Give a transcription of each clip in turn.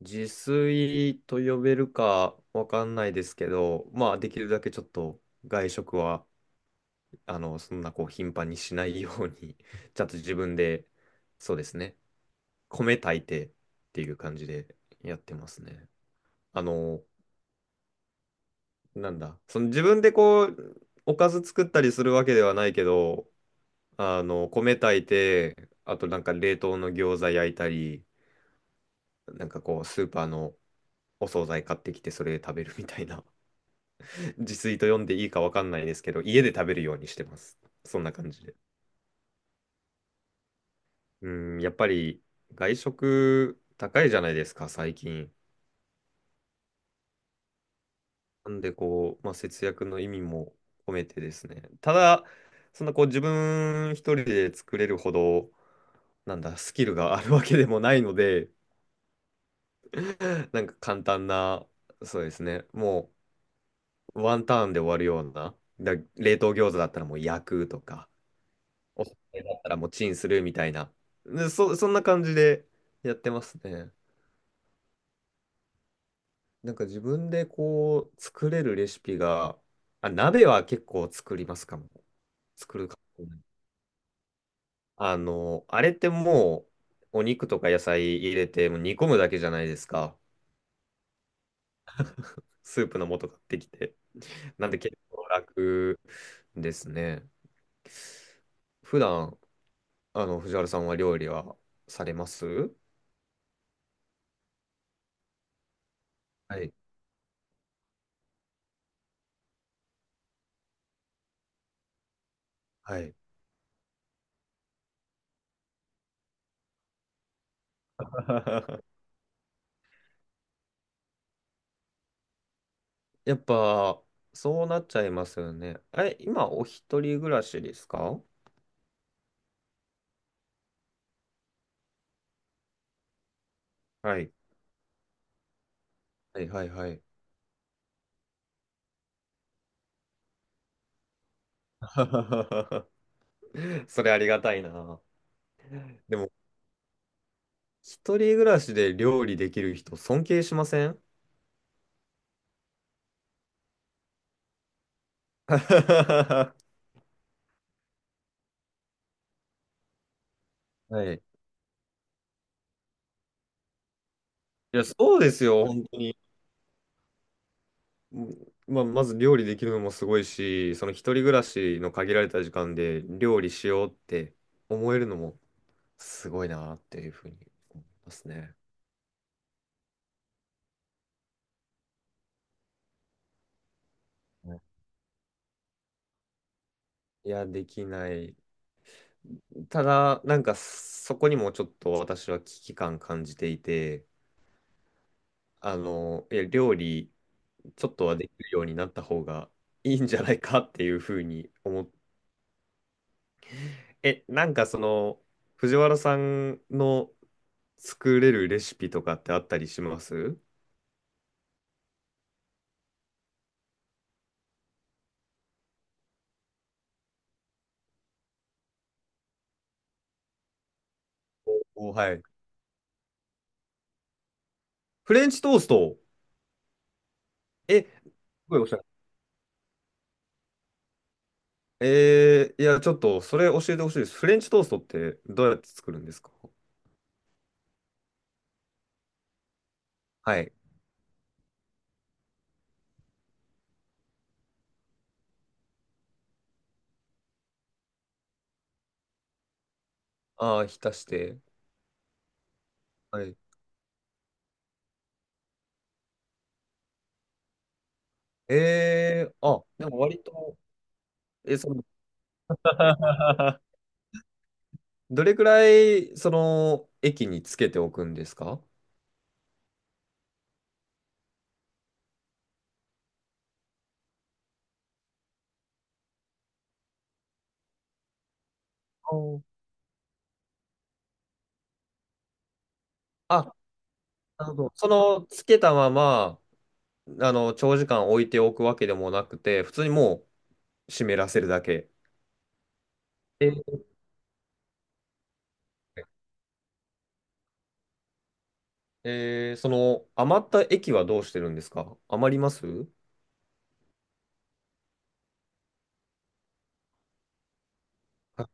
自炊と呼べるかわかんないですけど、まあできるだけちょっと外食は、そんなこう頻繁にしないように、ちゃんと自分で、そうですね、米炊いてっていう感じでやってますね。あの、なんだ、その自分でこう、おかず作ったりするわけではないけど、米炊いて、あとなんか冷凍の餃子焼いたり、なんかこう、スーパーのお惣菜買ってきてそれで食べるみたいな。自炊と読んでいいかわかんないですけど、家で食べるようにしてます。そんな感じで。うん、やっぱり外食高いじゃないですか、最近。なんでこう、まあ、節約の意味も込めてですね。ただ、そんなこう自分一人で作れるほど、なんだ、スキルがあるわけでもないので、なんか簡単な、そうですね、もうワンターンで終わるような、だ冷凍餃子だったらもう焼くとか、おすすめだったらもうチンするみたいな。で、そんな感じでやってますね。なんか自分でこう作れるレシピが、あ、鍋は結構作りますかも。作るかもね。あれってもうお肉とか野菜入れてもう煮込むだけじゃないですか。スープの素買ってきて。なんで結構楽ですね。普段、藤原さんは料理はされますはい。はい。やっぱ、そうなっちゃいますよね。え、今、お一人暮らしですか？はい。はいはいはい。それありがたいな。でも、一人暮らしで料理できる人、尊敬しません？ はい。いや、そうですよ。ほんまあ、まず料理できるのもすごいし、その一人暮らしの限られた時間で料理しようって思えるのもすごいなっていうふうに思いますね。いや、できない。ただ、なんかそこにもちょっと私は危機感感じていて、いや、料理ちょっとはできるようになった方がいいんじゃないかっていうふうに思って、え、なんかその、藤原さんの作れるレシピとかってあったりします？はい。フレンチトースト。え、すごいおしゃれ。えー、いや、ちょっとそれ教えてほしいです。フレンチトーストってどうやって作るんですか？はい。ああ、浸して。はいええあ、でも割と、え、その、どれくらい、その、液につけておくんですか？おあ、なるほど。その、つけたまま、長時間置いておくわけでもなくて、普通にもう湿らせるだけ。えーえーその、余った液はどうしてるんですか？余ります？あ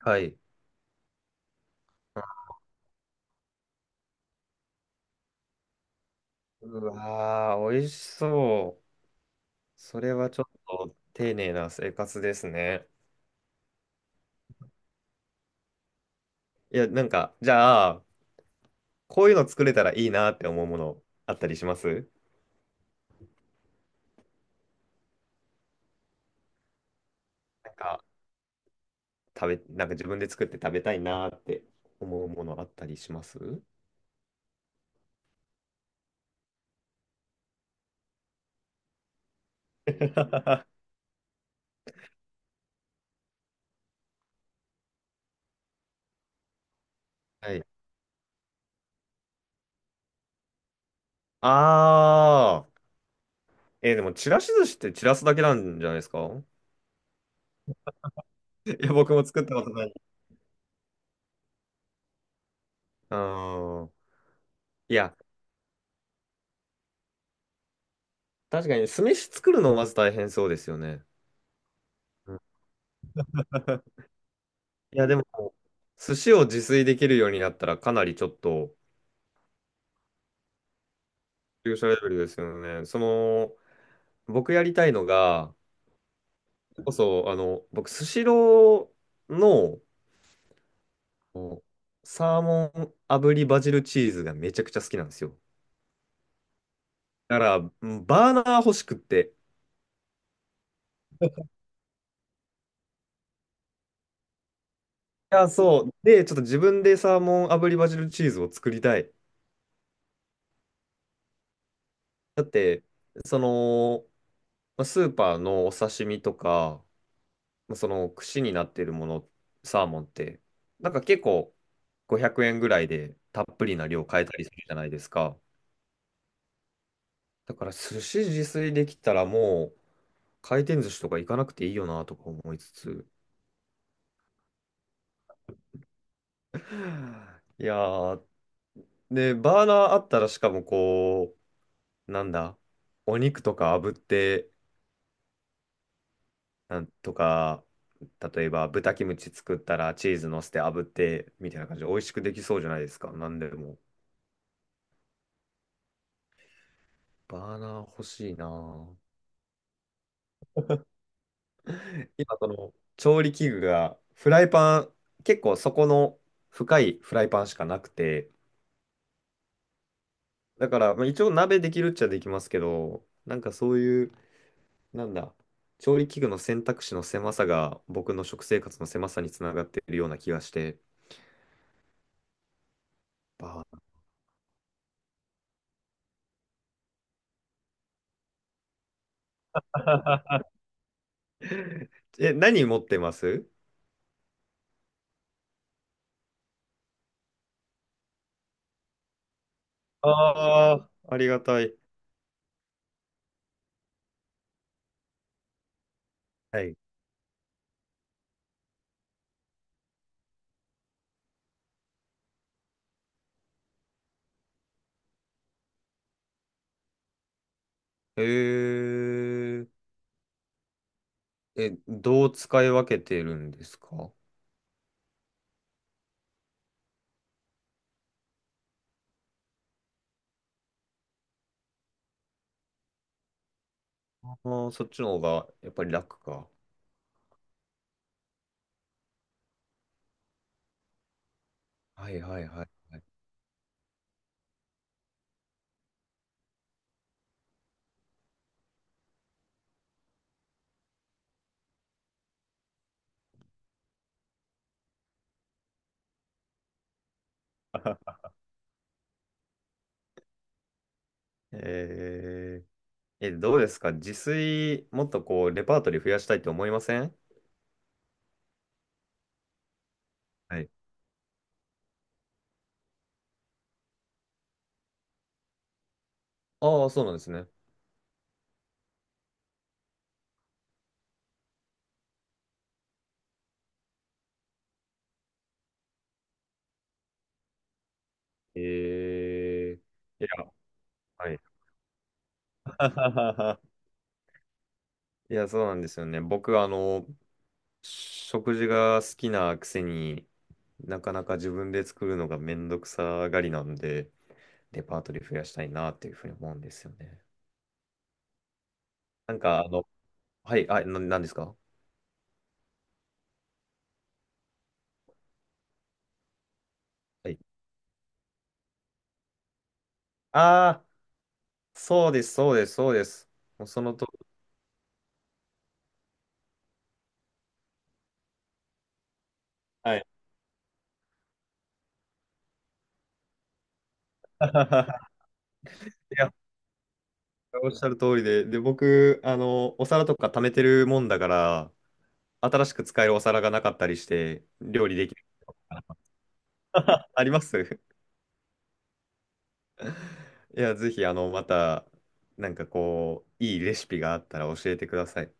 はい。うわー、美味しそう。それはちょっと丁寧な生活ですね。いや、なんか、じゃあ、こういうの作れたらいいなって思うものあったりします？なんか食べ、なんか自分で作って食べたいなって思うものあったりします？ はい。あー、えーでもちらし寿司って散らすだけなんじゃないですか？ いや、僕も作ったことない。あーいや、確かに酢飯作るのまず大変そうですよね。うん いや、でも、寿司を自炊できるようになったらかなりちょっと、急所レベルですよね。その、僕やりたいのが、こそ、僕、スシローのこうサーモン炙りバジルチーズがめちゃくちゃ好きなんですよ。だから、うんバーナー欲しくって。いや、そう。で、ちょっと自分でサーモン炙りバジルチーズを作りたい。だって、その、まあスーパーのお刺身とか、まあその串になってるもの、サーモンって、なんか結構500円ぐらいでたっぷりな量買えたりするじゃないですか。だから寿司自炊できたらもう、回転寿司とか行かなくていいよなとか思いつつ。いやー、で、バーナーあったらしかもこう、なんだ、お肉とか炙って、なんとか、例えば豚キムチ作ったらチーズ乗せて炙って、みたいな感じで美味しくできそうじゃないですか。なんでも。バーナー欲しいなぁ今その調理器具がフライパン、結構そこの深いフライパンしかなくて、だから、まあ、一応鍋できるっちゃできますけど、なんかそういうなんだ、調理器具の選択肢の狭さが僕の食生活の狭さにつながっているような気がして、バー え、何持ってます？ああー、ありがたい。はい。えー、え、どう使い分けてるんですか？あー、そっちの方がやっぱり楽か。はいはいはいはい。えー、え、どうですか自炊、もっとこう、レパートリー増やしたいと思いません？はい。ああそうなんですね。えー、いや、はい。いや、そうなんですよね。僕、食事が好きなくせになかなか自分で作るのがめんどくさがりなんで、レパートリー増やしたいなっていうふうに思うんですよね。なんか、はい、あ、なんですか？はい。ああ、そうです、そうです、そうです。もうそのと、はい。いや、おっしゃる通りで、で、僕、お皿とか貯めてるもんだから、新しく使えるお皿がなかったりして、料理できない。あります？いや、ぜひ、また、なんかこう、いいレシピがあったら教えてください。